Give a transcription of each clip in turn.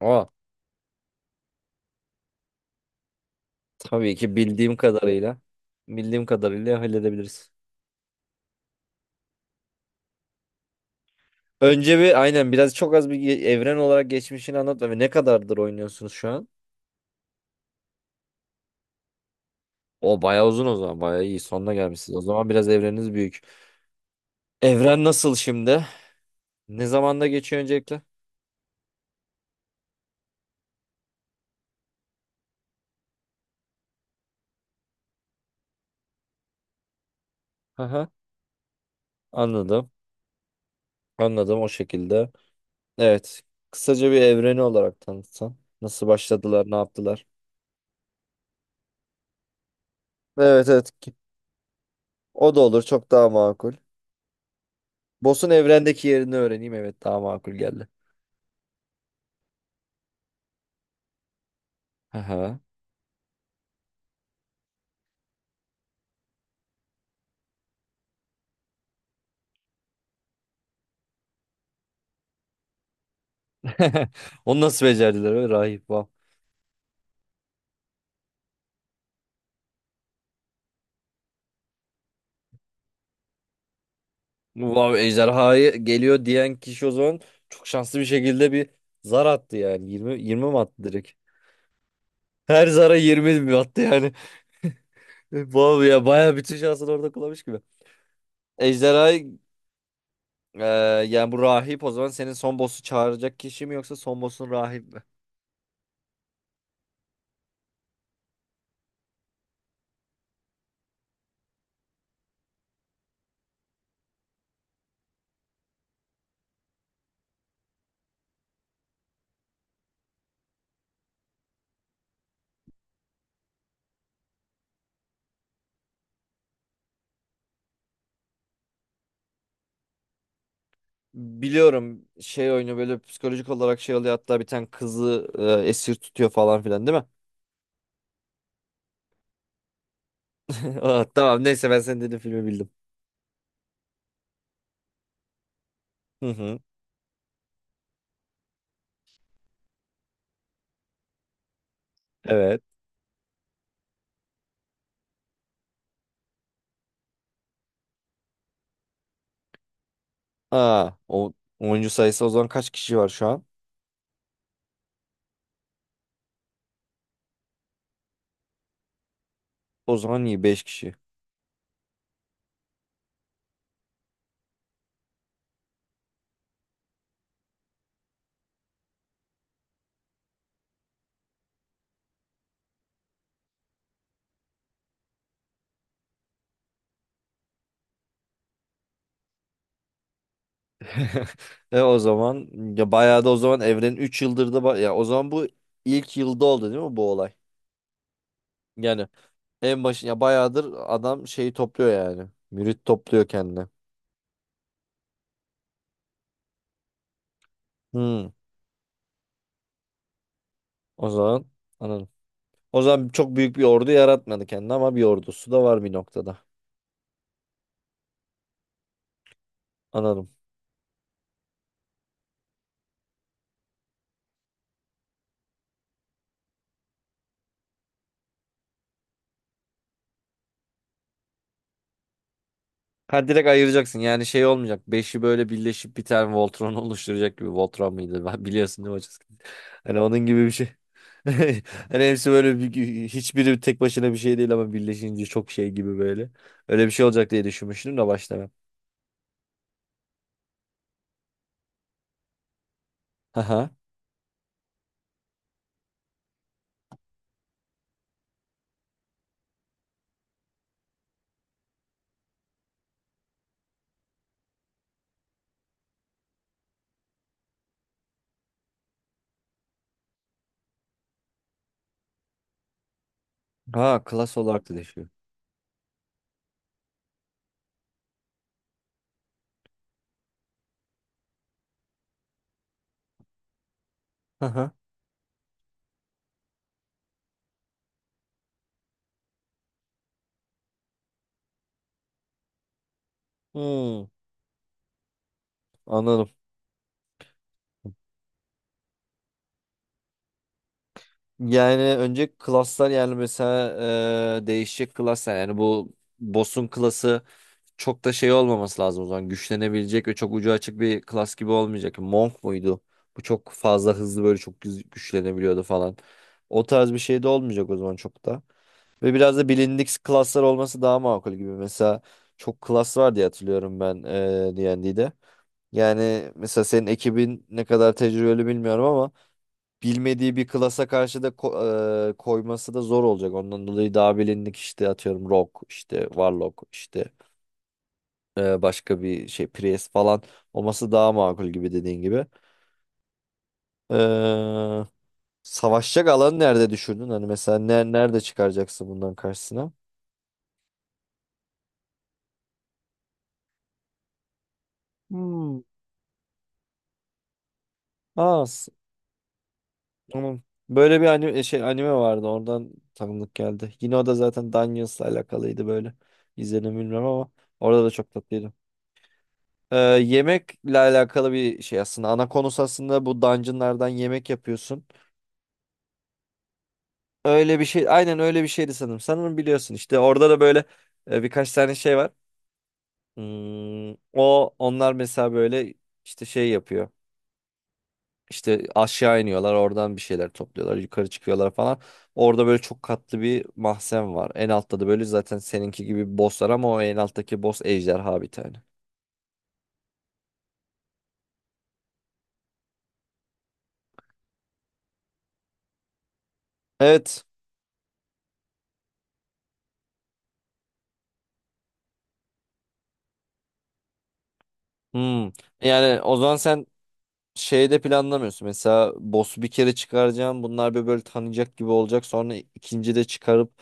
Aa, tabii ki bildiğim kadarıyla. Bildiğim kadarıyla halledebiliriz. Önce bir aynen biraz çok az bir evren olarak geçmişini anlat ve ne kadardır oynuyorsunuz şu an? O bayağı uzun o zaman. Bayağı iyi. Sonuna gelmişsiniz. O zaman biraz evreniniz büyük. Evren nasıl şimdi? Ne zamanda geçiyor öncelikle? Aha, anladım. Anladım o şekilde. Evet. Kısaca bir evreni olarak tanıtsan. Nasıl başladılar, ne yaptılar? Evet, evet. O da olur. Çok daha makul. Boss'un evrendeki yerini öğreneyim. Evet, daha makul geldi. Aha. Onu nasıl becerdiler öyle, rahip, vav. Vav, ejderhaya geliyor diyen kişi o zaman çok şanslı bir şekilde bir zar attı yani. 20, 20 mi attı direkt? Her zara 20 mi attı yani? Vav ya, bayağı bütün şansını orada kullanmış gibi. Ejderha, e, yani bu rahip o zaman senin son boss'u çağıracak kişi mi, yoksa son boss'un rahip mi? Biliyorum, şey oyunu böyle psikolojik olarak şey oluyor, hatta bir tane kızı esir tutuyor falan filan değil mi? Ah, tamam, neyse ben senin dediğin filmi bildim. Hı hı. Evet. Aa, o oyuncu sayısı o zaman kaç kişi var şu an? O zaman iyi, 5 kişi. E, o zaman ya bayağı da o zaman evrenin 3 yıldır da ya o zaman bu ilk yılda oldu değil mi bu olay? Yani en başı, ya bayağıdır adam şeyi topluyor yani. Mürit topluyor kendine. Hmm, o zaman anladım. O zaman çok büyük bir ordu yaratmadı kendine ama bir ordusu da var bir noktada. Anladım. Ha, direkt ayıracaksın. Yani şey olmayacak. Beşi böyle birleşip bir tane Voltron oluşturacak gibi. Voltron mıydı? Ben biliyorsun değil mi hocam? Hani onun gibi bir şey. Hani hepsi böyle bir, hiçbiri tek başına bir şey değil ama birleşince çok şey gibi böyle. Öyle bir şey olacak diye düşünmüştüm de başta ben. Aha. Ha, klas olarak da değişiyor. Aha. Hmm, anladım. Yani önce klaslar, yani mesela değişecek klaslar, yani bu boss'un klası çok da şey olmaması lazım o zaman. Güçlenebilecek ve çok ucu açık bir klas gibi olmayacak. Monk muydu? Bu çok fazla hızlı böyle çok güçlenebiliyordu falan. O tarz bir şey de olmayacak o zaman çok da. Ve biraz da bilindik klaslar olması daha makul gibi. Mesela çok klas var diye hatırlıyorum ben D&D'de. Yani mesela senin ekibin ne kadar tecrübeli bilmiyorum ama bilmediği bir klasa karşı da koyması da zor olacak. Ondan dolayı daha bilindik, işte atıyorum Rock, işte Warlock, işte başka bir şey Prius falan olması daha makul gibi, dediğin gibi. Ee, savaşacak alanı nerede düşündün? Hani mesela ne, nerede çıkaracaksın bundan karşısına? Hmm. Aa, tamam. Böyle bir anime, şey, anime vardı, oradan tanıdık geldi. Yine o da zaten Dungeons'la alakalıydı böyle. İzledim mi bilmiyorum ama orada da çok tatlıydı. Yemekle alakalı bir şey aslında. Ana konusu aslında bu dungeonlardan yemek yapıyorsun. Öyle bir şey, aynen öyle bir şeydi sanırım. Sanırım biliyorsun, işte orada da böyle birkaç tane şey var. Hmm, onlar mesela böyle işte şey yapıyor. İşte aşağı iniyorlar, oradan bir şeyler topluyorlar, yukarı çıkıyorlar falan. Orada böyle çok katlı bir mahzen var. En altta da böyle zaten seninki gibi bir boss var ama o en alttaki boss ejderha bir tane. Evet. Hmm. Yani o zaman sen şeyde planlamıyorsun. Mesela boss'u bir kere çıkaracağım. Bunlar bir böyle tanıyacak gibi olacak. Sonra ikinci de çıkarıp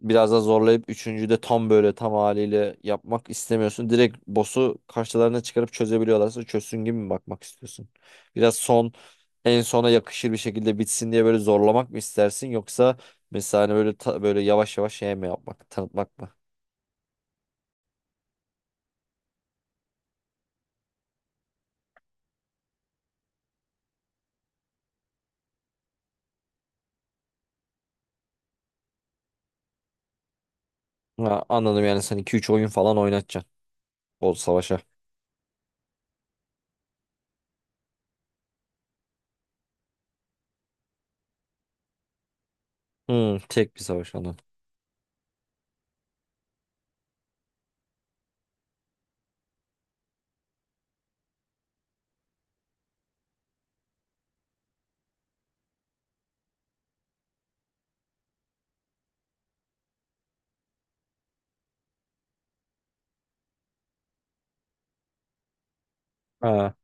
biraz daha zorlayıp üçüncüde tam böyle tam haliyle yapmak istemiyorsun. Direkt boss'u karşılarına çıkarıp çözebiliyorlarsa çözsün gibi mi bakmak istiyorsun? Biraz son en sona yakışır bir şekilde bitsin diye böyle zorlamak mı istersin, yoksa mesela hani böyle böyle yavaş yavaş şey mi yapmak, tanıtmak mı? Ha, anladım, yani sen iki üç oyun falan oynatacaksın o savaşa. Hmm, tek bir savaş, anladım. Ha.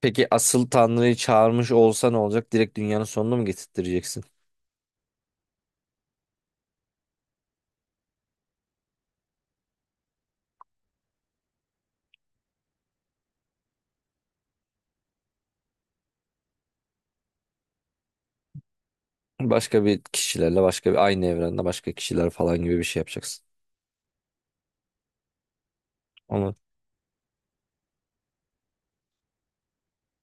Peki asıl Tanrı'yı çağırmış olsa ne olacak? Direkt dünyanın sonunu mu getirttireceksin? Başka bir kişilerle başka bir aynı evrende başka kişiler falan gibi bir şey yapacaksın. Ondan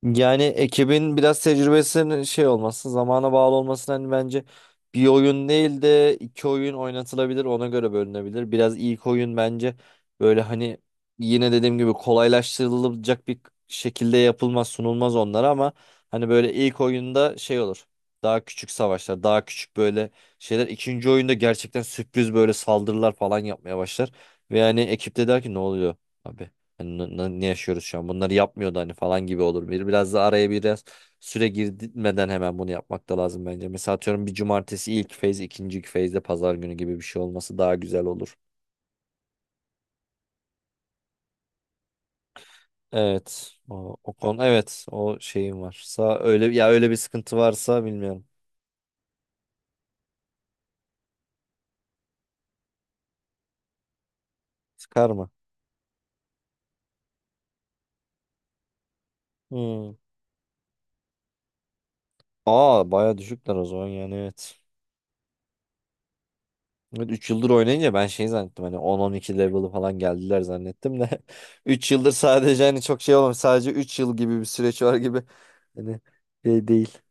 Yani ekibin biraz tecrübesinin şey olması, zamana bağlı olması, hani bence bir oyun değil de iki oyun oynatılabilir, ona göre bölünebilir. Biraz ilk oyun bence böyle hani yine dediğim gibi kolaylaştırılacak bir şekilde yapılmaz, sunulmaz onlara ama hani böyle ilk oyunda şey olur. Daha küçük savaşlar, daha küçük böyle şeyler. İkinci oyunda gerçekten sürpriz böyle saldırılar falan yapmaya başlar. Ve yani ekipte der ki ne oluyor? Abi, hani ne yaşıyoruz şu an? Bunları yapmıyordu hani falan gibi olur. Biraz da araya biraz süre girmeden hemen bunu yapmak da lazım bence. Mesela atıyorum bir cumartesi ilk feyz, ikinci feyzde pazar günü gibi bir şey olması daha güzel olur. Evet. O konu, evet, o şeyim varsa, öyle ya, öyle bir sıkıntı varsa bilmiyorum. Sıkar mı? Hmm. Aa, baya düşükler o zaman, yani evet. Evet, 3 yıldır oynayınca ben şey zannettim, hani on on iki level'ı falan geldiler zannettim de. 3 yıldır sadece hani çok şey olmamış, sadece 3 yıl gibi bir süreç var gibi, hani şey değil.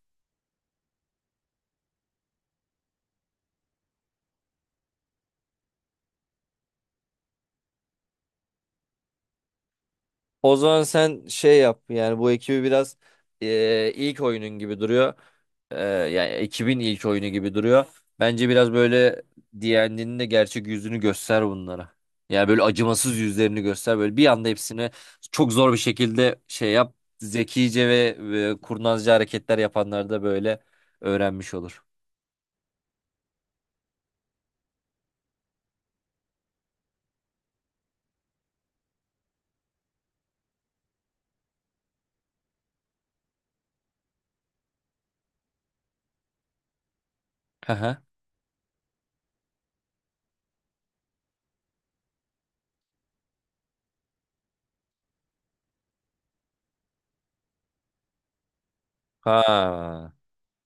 O zaman sen şey yap, yani bu ekibi biraz ilk oyunun gibi duruyor. Eee, yani ekibin ilk oyunu gibi duruyor. Bence biraz böyle D&D'nin de gerçek yüzünü göster bunlara. Yani böyle acımasız yüzlerini göster. Böyle bir anda hepsini çok zor bir şekilde şey yap. Zekice ve kurnazca hareketler yapanlar da böyle öğrenmiş olur. Ha ha. Ha.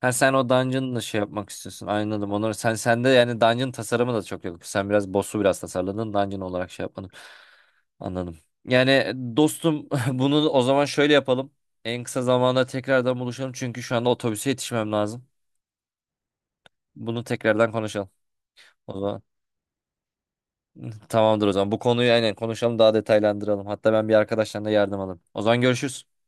Ha, sen o dungeon'la şey yapmak istiyorsun. Anladım. Onları sen sende, yani dungeon tasarımı da çok yok. Sen biraz boss'u biraz tasarladın. Dungeon olarak şey yapmadın. Anladım. Yani, dostum, bunu o zaman şöyle yapalım. En kısa zamanda tekrardan buluşalım. Çünkü şu anda otobüse yetişmem lazım. Bunu tekrardan konuşalım. O zaman tamamdır o zaman. Bu konuyu aynen konuşalım, daha detaylandıralım. Hatta ben bir arkadaştan da yardım alayım. O zaman görüşürüz.